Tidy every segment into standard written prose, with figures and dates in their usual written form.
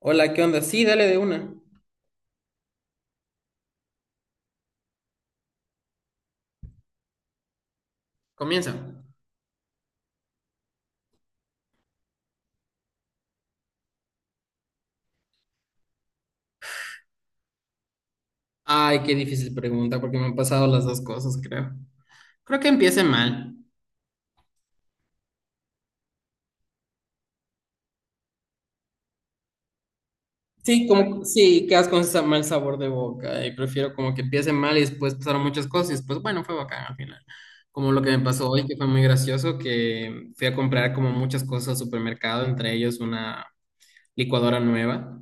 Hola, ¿qué onda? Sí, dale de una. Comienza. Ay, qué difícil pregunta, porque me han pasado las dos cosas, creo. Creo que empiece mal. Sí, como, sí, quedas con ese mal sabor de boca y prefiero como que empiece mal y después pasaron muchas cosas y después, bueno, fue bacán al final. Como lo que me pasó hoy, que fue muy gracioso, que fui a comprar como muchas cosas al supermercado, entre ellos una licuadora nueva.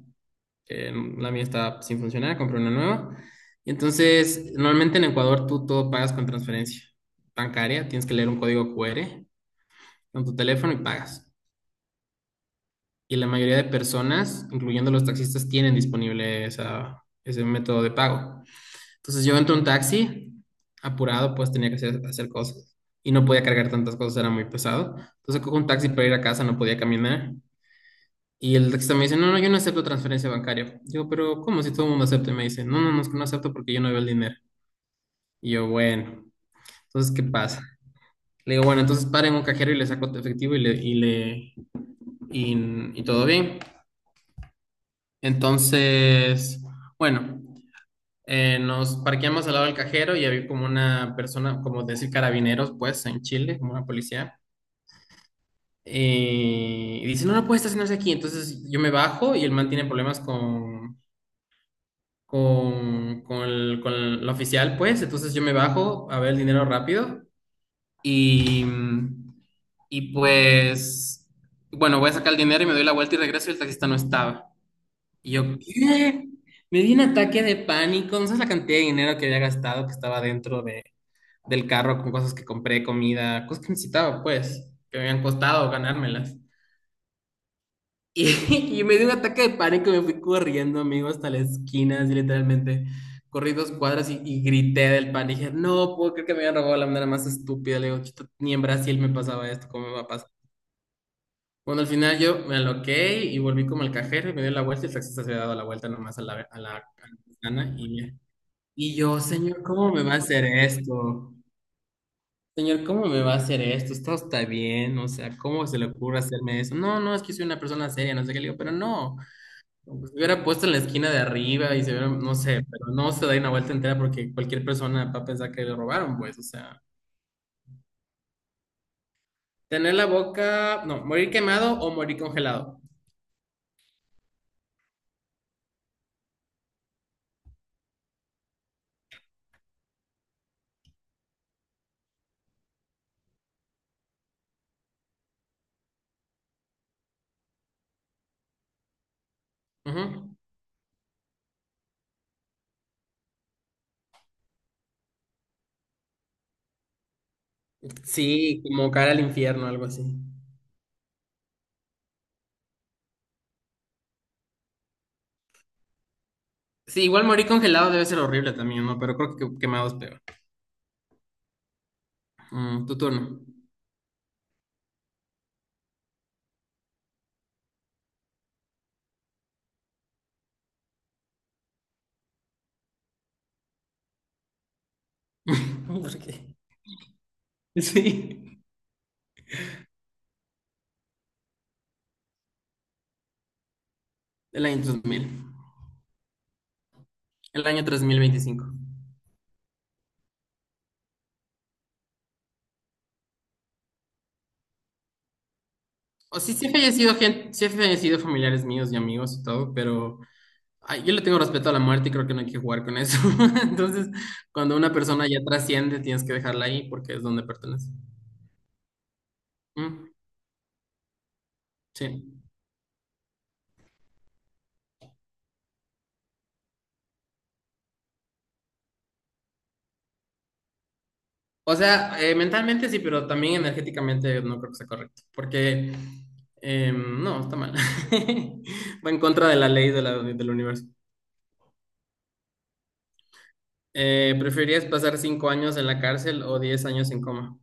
eh, la mía está sin funcionar, compré una nueva. Y entonces, normalmente en Ecuador tú todo pagas con transferencia bancaria, tienes que leer un código QR en tu teléfono y pagas. Y la mayoría de personas, incluyendo los taxistas, tienen disponible esa, ese método de pago. Entonces yo entro en un taxi, apurado, pues tenía que hacer cosas y no podía cargar tantas cosas, era muy pesado. Entonces cojo un taxi para ir a casa, no podía caminar. Y el taxista me dice, no, no, yo no acepto transferencia bancaria. Yo, pero ¿cómo si todo el mundo acepta? Y me dice, no, no, no, es que no acepto porque yo no veo el dinero. Y yo, bueno, entonces, ¿qué pasa? Le digo, bueno, entonces paren un cajero y le saco tu efectivo y todo bien. Entonces, bueno, nos parqueamos al lado del cajero y había como una persona, como decir carabineros, pues, en Chile, como una policía. Y dice, no, no puede estacionarse aquí. Entonces yo me bajo y el man tiene problemas con la oficial, pues. Entonces yo me bajo a ver el dinero rápido y, y pues, bueno, voy a sacar el dinero y me doy la vuelta y regreso y el taxista no estaba. Y yo, ¿qué? Me di un ataque de pánico. No sabes la cantidad de dinero que había gastado, que estaba dentro del carro con cosas que compré, comida, cosas que necesitaba, pues, que me habían costado ganármelas. Y, y me dio un ataque de pánico, me fui corriendo, amigo, hasta la esquina, así literalmente. Corrí dos cuadras y grité del pánico. Dije, no puedo creer que me habían robado de la manera más estúpida. Le digo, "Chuta, ni en Brasil me pasaba esto, ¿cómo me va a pasar?" Bueno, al final yo me aloqué y volví como al cajero y me dio la vuelta y el taxista se había dado la vuelta nomás a la ventana y yo, señor, ¿cómo me va a hacer esto? Señor, ¿cómo me va a hacer esto? Esto está bien, o sea, ¿cómo se le ocurre hacerme eso? No, no, es que soy una persona seria, no sé qué le digo, pero no. Pues, se hubiera puesto en la esquina de arriba y se hubiera, no sé, pero no se da una vuelta entera porque cualquier persona va a pensar que le robaron, pues, o sea, tener la boca, no, morir quemado o morir congelado. Ujú. Sí, como cara al infierno, algo así. Sí, igual morir congelado debe ser horrible también, ¿no? Pero creo que quemado es peor. Mm, tu turno. ¿Por qué? Sí. El año 2000. El año 3025. O sí, sí he fallecido gente, sí he fallecido familiares míos y amigos y todo, pero ay, yo le tengo respeto a la muerte y creo que no hay que jugar con eso. Entonces, cuando una persona ya trasciende, tienes que dejarla ahí porque es donde pertenece. Mm, sí. O sea, mentalmente sí, pero también energéticamente no creo que sea correcto. Porque, no, está mal. Va en contra de la ley del universo. ¿Preferirías pasar 5 años en la cárcel o 10 años en coma?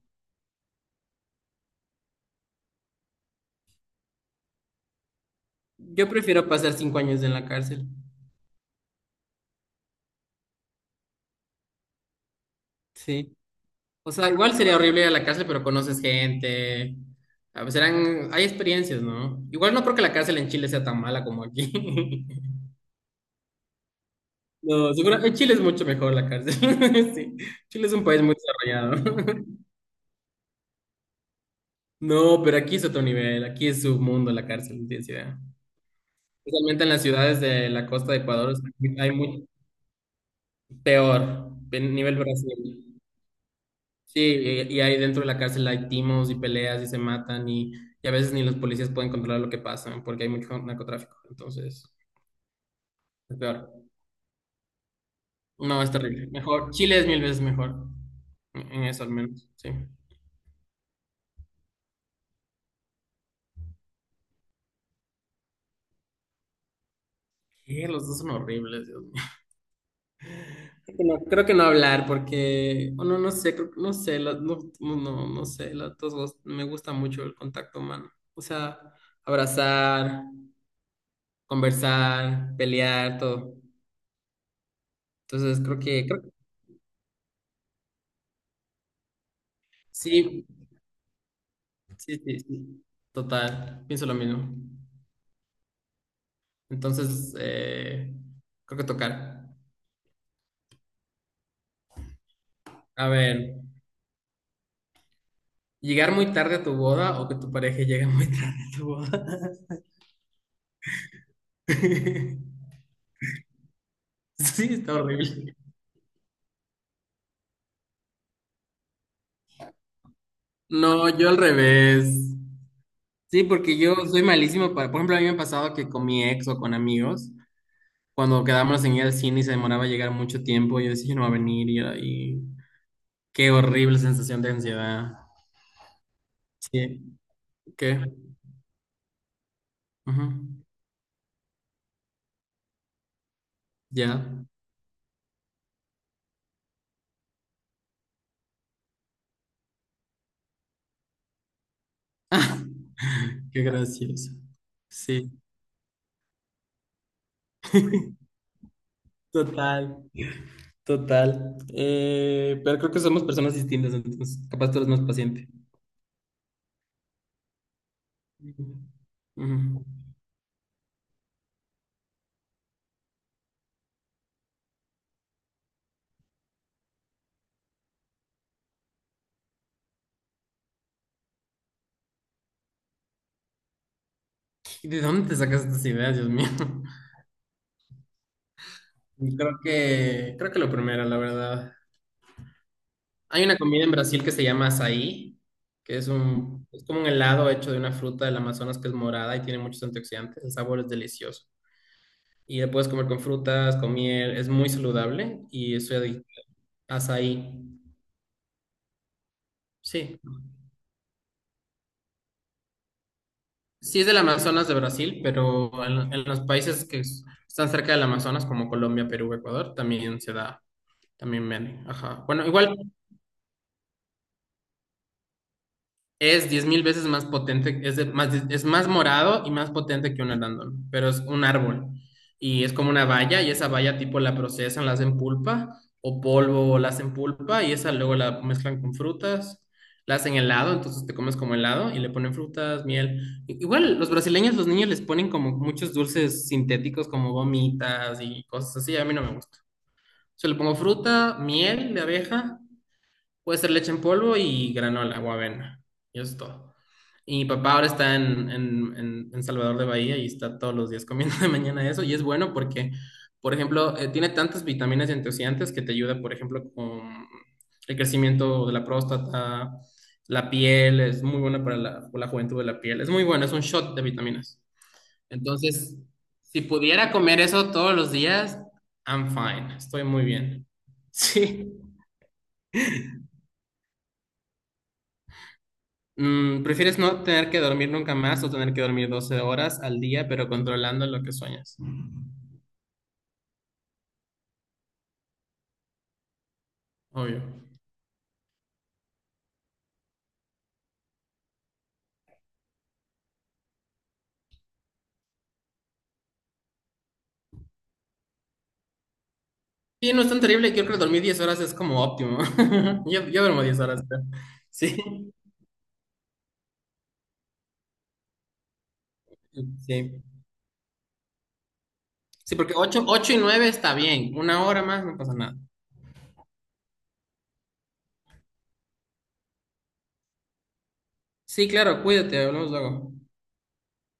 Yo prefiero pasar 5 años en la cárcel. Sí. O sea, igual sería horrible ir a la cárcel, pero conoces gente. A veces eran, hay experiencias, ¿no? Igual no creo que la cárcel en Chile sea tan mala como aquí. No, seguro, en Chile es mucho mejor la cárcel. Sí. Chile es un país muy desarrollado. No, pero aquí es otro nivel, aquí es su mundo la cárcel, no tienes idea. Especialmente en las ciudades de la costa de Ecuador, o sea, hay muy peor, en nivel Brasil. Sí, y ahí dentro de la cárcel hay timos y peleas y se matan y a veces ni los policías pueden controlar lo que pasa, ¿no? Porque hay mucho narcotráfico. Entonces, es peor. No, es terrible. Mejor. Chile es mil veces mejor. En eso al menos, sí. ¿Qué? Los dos son horribles, Dios mío. Creo que no hablar porque, o no, no sé, no sé, la- no, no, no no sé, la- todos los- me gusta mucho el contacto humano. O sea, abrazar, conversar, pelear, todo. Entonces sí, sí, sí, sí. Total, pienso lo mismo. Entonces, creo que tocar. A ver, ¿llegar muy tarde a tu boda o que tu pareja llegue muy tarde a tu boda? Sí, está horrible. No, yo al revés. Sí, porque yo soy malísimo para, por ejemplo, a mí me ha pasado que con mi ex o con amigos, cuando quedábamos en ir al cine y se demoraba llegar mucho tiempo, yo decía, "Ya no va a venir", y qué horrible sensación de ansiedad. Sí, ¿qué? Ujú. Ya. Qué gracioso. Sí, total, total. Pero creo que somos personas distintas, entonces capaz tú eres más paciente. Ujú. ¿Y de dónde te sacas estas ideas, Dios mío? Creo que lo primero, la verdad. Hay una comida en Brasil que se llama açaí, que es un, es como un helado hecho de una fruta del Amazonas que es morada y tiene muchos antioxidantes. El sabor es delicioso. Y lo puedes comer con frutas, con miel, es muy saludable y eso de açaí. Sí, sí es del Amazonas de Brasil, pero en los países están cerca del Amazonas, como Colombia, Perú, Ecuador, también se da, también ven. Ajá. Bueno, igual es 10.000 veces más potente, es más morado y más potente que un arándano, pero es un árbol. Y es como una valla, y esa valla tipo la procesan, la hacen pulpa, o polvo, la hacen pulpa, y esa luego la mezclan con frutas, la hacen helado, entonces te comes como helado, y le ponen frutas, miel. Igual los brasileños, los niños les ponen como muchos dulces sintéticos, como gomitas y cosas así, a mí no me gusta. Yo le pongo fruta, miel de abeja, puede ser leche en polvo y granola o avena. Y eso es todo. Y mi papá ahora está en Salvador de Bahía y está todos los días comiendo de mañana eso. Y es bueno porque, por ejemplo, tiene tantas vitaminas y antioxidantes que te ayuda, por ejemplo, con el crecimiento de la próstata, la piel. Es muy buena para la juventud de la piel. Es muy bueno, es un shot de vitaminas. Entonces, si pudiera comer eso todos los días, I'm fine. Estoy muy bien. Sí. Mm, ¿prefieres no tener que dormir nunca más o tener que dormir 12 horas al día, pero controlando lo que sueñas? Obvio. Sí, no es tan terrible. Yo creo que dormir 10 horas es como óptimo. Yo duermo 10 horas. Creo. Sí, sí. Sí, porque 8, 8 y 9 está bien. Una hora más no pasa nada. Sí, claro, cuídate, hablamos luego.